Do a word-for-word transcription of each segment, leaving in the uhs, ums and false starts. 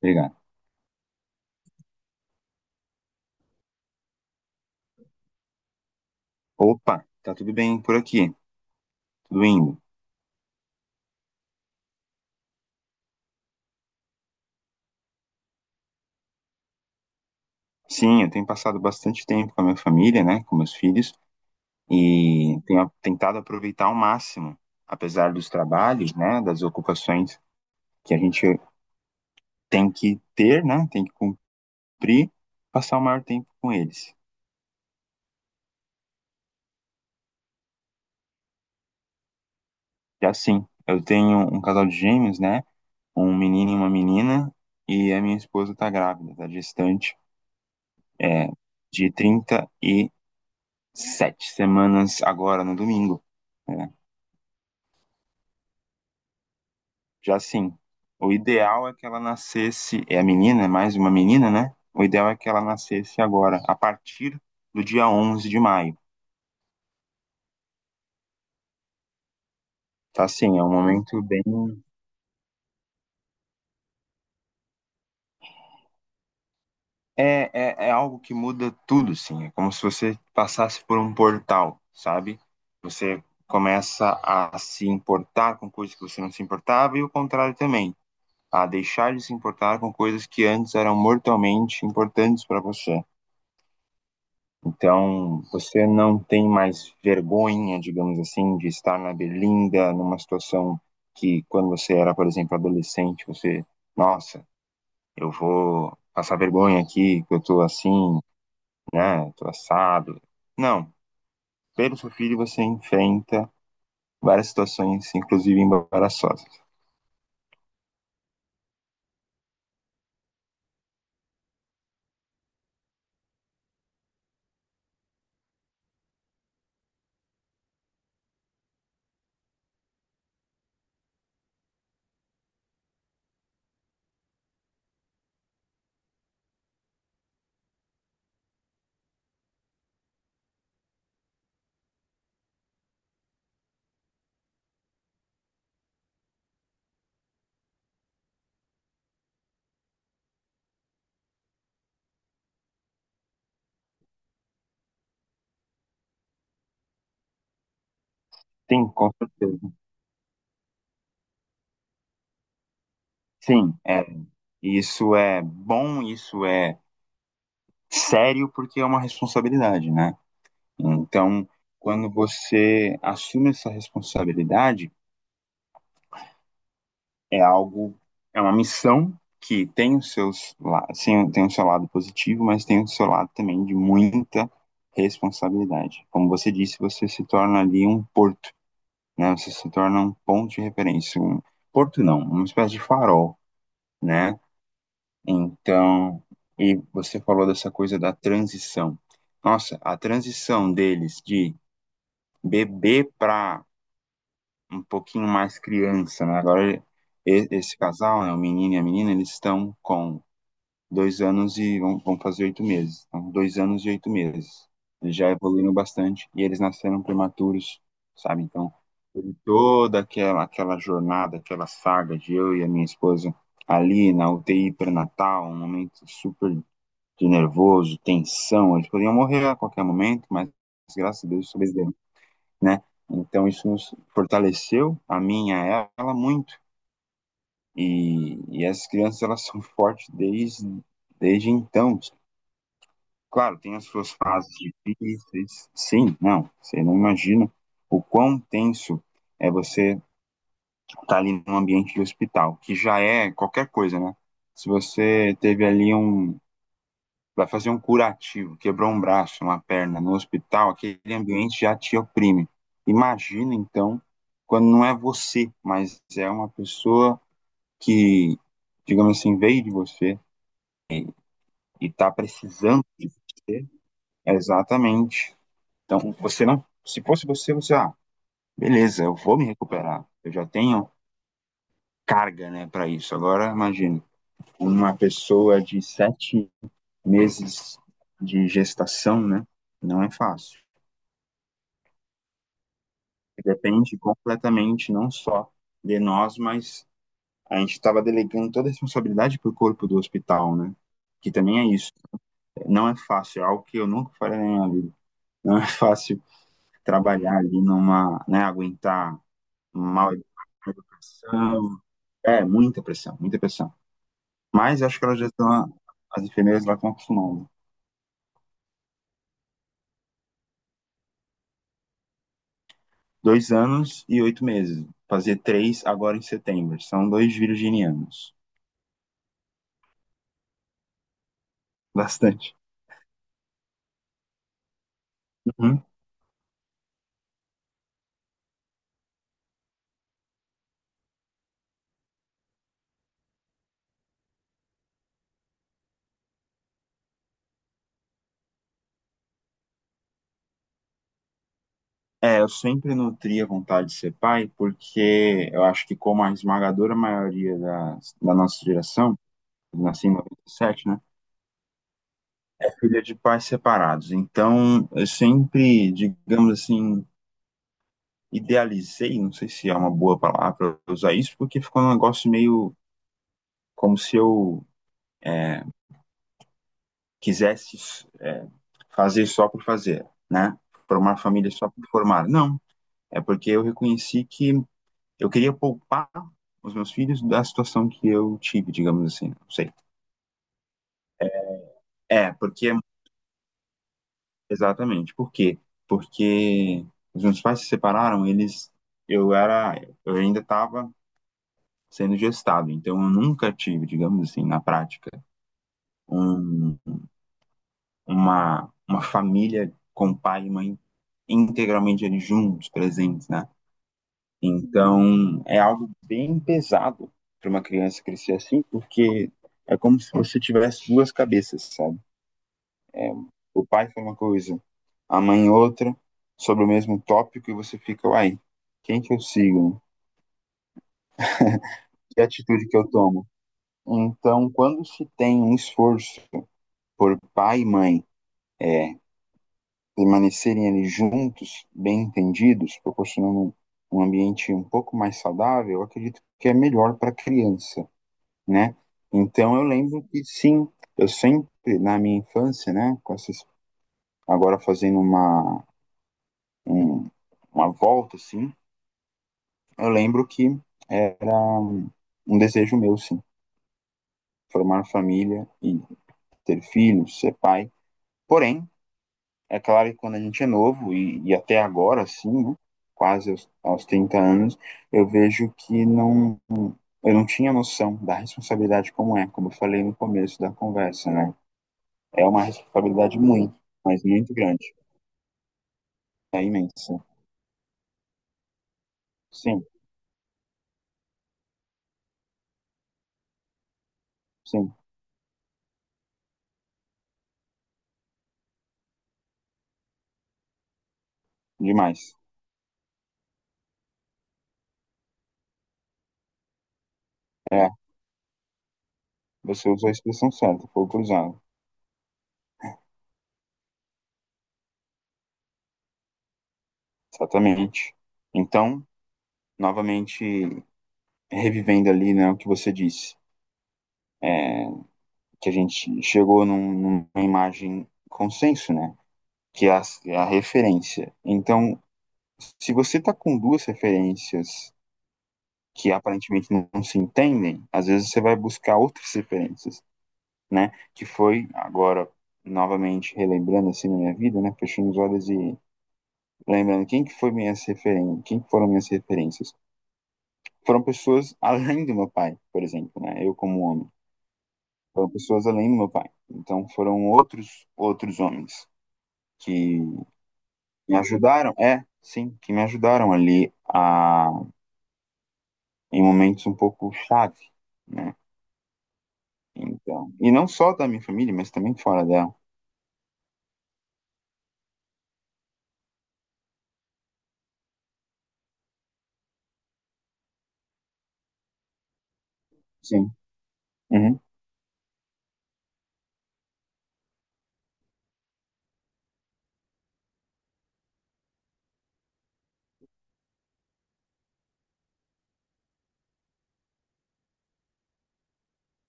Obrigado. Opa, tá tudo bem por aqui, tudo indo. Sim, eu tenho passado bastante tempo com a minha família, né, com meus filhos, e tenho a- tentado aproveitar ao máximo, apesar dos trabalhos, né, das ocupações que a gente tem que ter, né, tem que cumprir, passar o maior tempo com eles. E assim, eu tenho um casal de gêmeos, né, um menino e uma menina, e a minha esposa tá grávida, tá gestante, é, de trinta e sete semanas agora no domingo. Né. Já sim. O ideal é que ela nascesse, é a menina, é mais uma menina, né? O ideal é que ela nascesse agora, a partir do dia onze de maio. Tá sim é um momento bem. É, é, é algo que muda tudo, sim. É como se você passasse por um portal, sabe? Você começa a se importar com coisas que você não se importava e o contrário também, a deixar de se importar com coisas que antes eram mortalmente importantes para você. Então, você não tem mais vergonha, digamos assim, de estar na Berlinda, numa situação que, quando você era, por exemplo, adolescente, você, nossa, eu vou passar vergonha aqui, que eu tô assim, né, tô assado. Não, pelo seu filho você enfrenta várias situações, inclusive embaraçosas. Sim, com certeza. Sim, é. Isso é bom, isso é sério, porque é uma responsabilidade, né? Então, quando você assume essa responsabilidade, é algo, é uma missão que tem os seus, la- sim, tem o seu lado positivo, mas tem o seu lado também de muita responsabilidade. Como você disse, você se torna ali um porto, né? Você se torna um ponto de referência, um porto não, uma espécie de farol, né? Então, e você falou dessa coisa da transição. Nossa, a transição deles de bebê para um pouquinho mais criança, né? Agora esse casal, né, o menino e a menina, eles estão com dois anos e vão, vão fazer oito meses. Então, dois anos e oito meses. Eles já evoluíram bastante e eles nasceram prematuros, sabe? Então, teve toda aquela, aquela jornada, aquela saga de eu e a minha esposa ali na U T I pré-natal, um momento super de nervoso, tensão. Eles podiam morrer a qualquer momento, mas graças a Deus sobreviveram, né? Então isso nos fortaleceu, a mim, a ela, muito. E, e essas crianças, elas são fortes desde desde então. Claro, tem as suas fases difíceis. Sim, não, você não imagina o quão tenso é você estar tá ali num ambiente de hospital, que já é qualquer coisa, né? Se você teve ali um, Vai fazer um curativo, quebrou um braço, uma perna no hospital, aquele ambiente já te oprime. Imagina, então, quando não é você, mas é uma pessoa que, digamos assim, veio de você e está precisando de você. Exatamente. Então, você não. Se fosse você, você, ah, beleza, eu vou me recuperar. Eu já tenho carga, né, para isso. Agora, imagina, uma pessoa de sete meses de gestação, né? Não é fácil. Depende completamente, não só de nós, mas a gente estava delegando toda a responsabilidade para o corpo do hospital, né? Que também é isso. Não é fácil, é algo que eu nunca farei na minha vida. Não é fácil trabalhar ali numa, né, aguentar um mal educação. É, muita pressão, muita pressão. Mas acho que elas já estão, as enfermeiras lá estão acostumadas. Dois anos e oito meses. Fazer três agora em setembro. São dois virginianos. Bastante. Uhum. É, eu sempre nutri a vontade de ser pai, porque eu acho que, como a esmagadora maioria da, da nossa geração, eu nasci em noventa e sete, né, é filha de pais separados. Então, eu sempre, digamos assim, idealizei, não sei se é uma boa palavra usar isso, porque ficou um negócio meio como se eu é, quisesse é, fazer só por fazer, né? Formar família só por formar. Não, é porque eu reconheci que eu queria poupar os meus filhos da situação que eu tive, digamos assim, não sei. É, porque, exatamente, por quê? Porque os meus pais se separaram, eles, eu era, eu ainda estava sendo gestado, então eu nunca tive, digamos assim, na prática, um, uma, uma família com pai e mãe integralmente ali juntos, presentes, né? Então, é algo bem pesado para uma criança crescer assim, porque é como se você tivesse duas cabeças, sabe? é, o pai foi uma coisa, a mãe outra, sobre o mesmo tópico, e você fica, uai, quem que eu sigo? Que atitude que eu tomo? Então, quando se tem um esforço por pai e mãe é, permanecerem ali juntos, bem entendidos, proporcionando um ambiente um pouco mais saudável, eu acredito que é melhor para a criança, né? Então eu lembro que sim, eu sempre na minha infância, né, com essas, agora fazendo uma um, uma volta assim, eu lembro que era um desejo meu, sim, formar família e ter filhos, ser pai. Porém, é claro que, quando a gente é novo, e, e até agora, sim, né, quase aos, aos, trinta anos, eu vejo que não, eu não tinha noção da responsabilidade como é, como eu falei no começo da conversa, né? É uma responsabilidade muito, mas muito grande, é imensa. Sim, sim, demais. É, você usou a expressão certa, foi cruzado. Exatamente. Então, novamente revivendo ali, né, o que você disse, que a gente chegou num- numa imagem consenso, né? Que é a, é a referência. Então, se você está com duas referências que aparentemente não, não se entendem, às vezes você vai buscar outras referências, né? Que foi agora, novamente, relembrando assim na minha vida, né? Fechando os olhos e lembrando quem que foi minhas referências, quem que foram minhas referências. Foram pessoas além do meu pai, por exemplo, né? Eu como homem. Foram pessoas além do meu pai. Então foram outros outros homens que me ajudaram, é, sim, que me ajudaram ali a em momentos um pouco chave, né? Então, e não só da minha família, mas também fora dela. Sim. Uhum.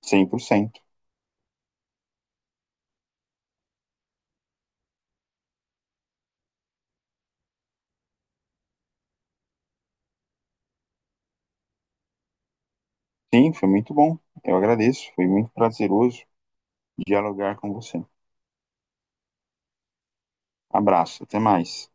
Cem por cento. Sim, foi muito bom. Eu agradeço, foi muito prazeroso dialogar com você. Abraço, até mais.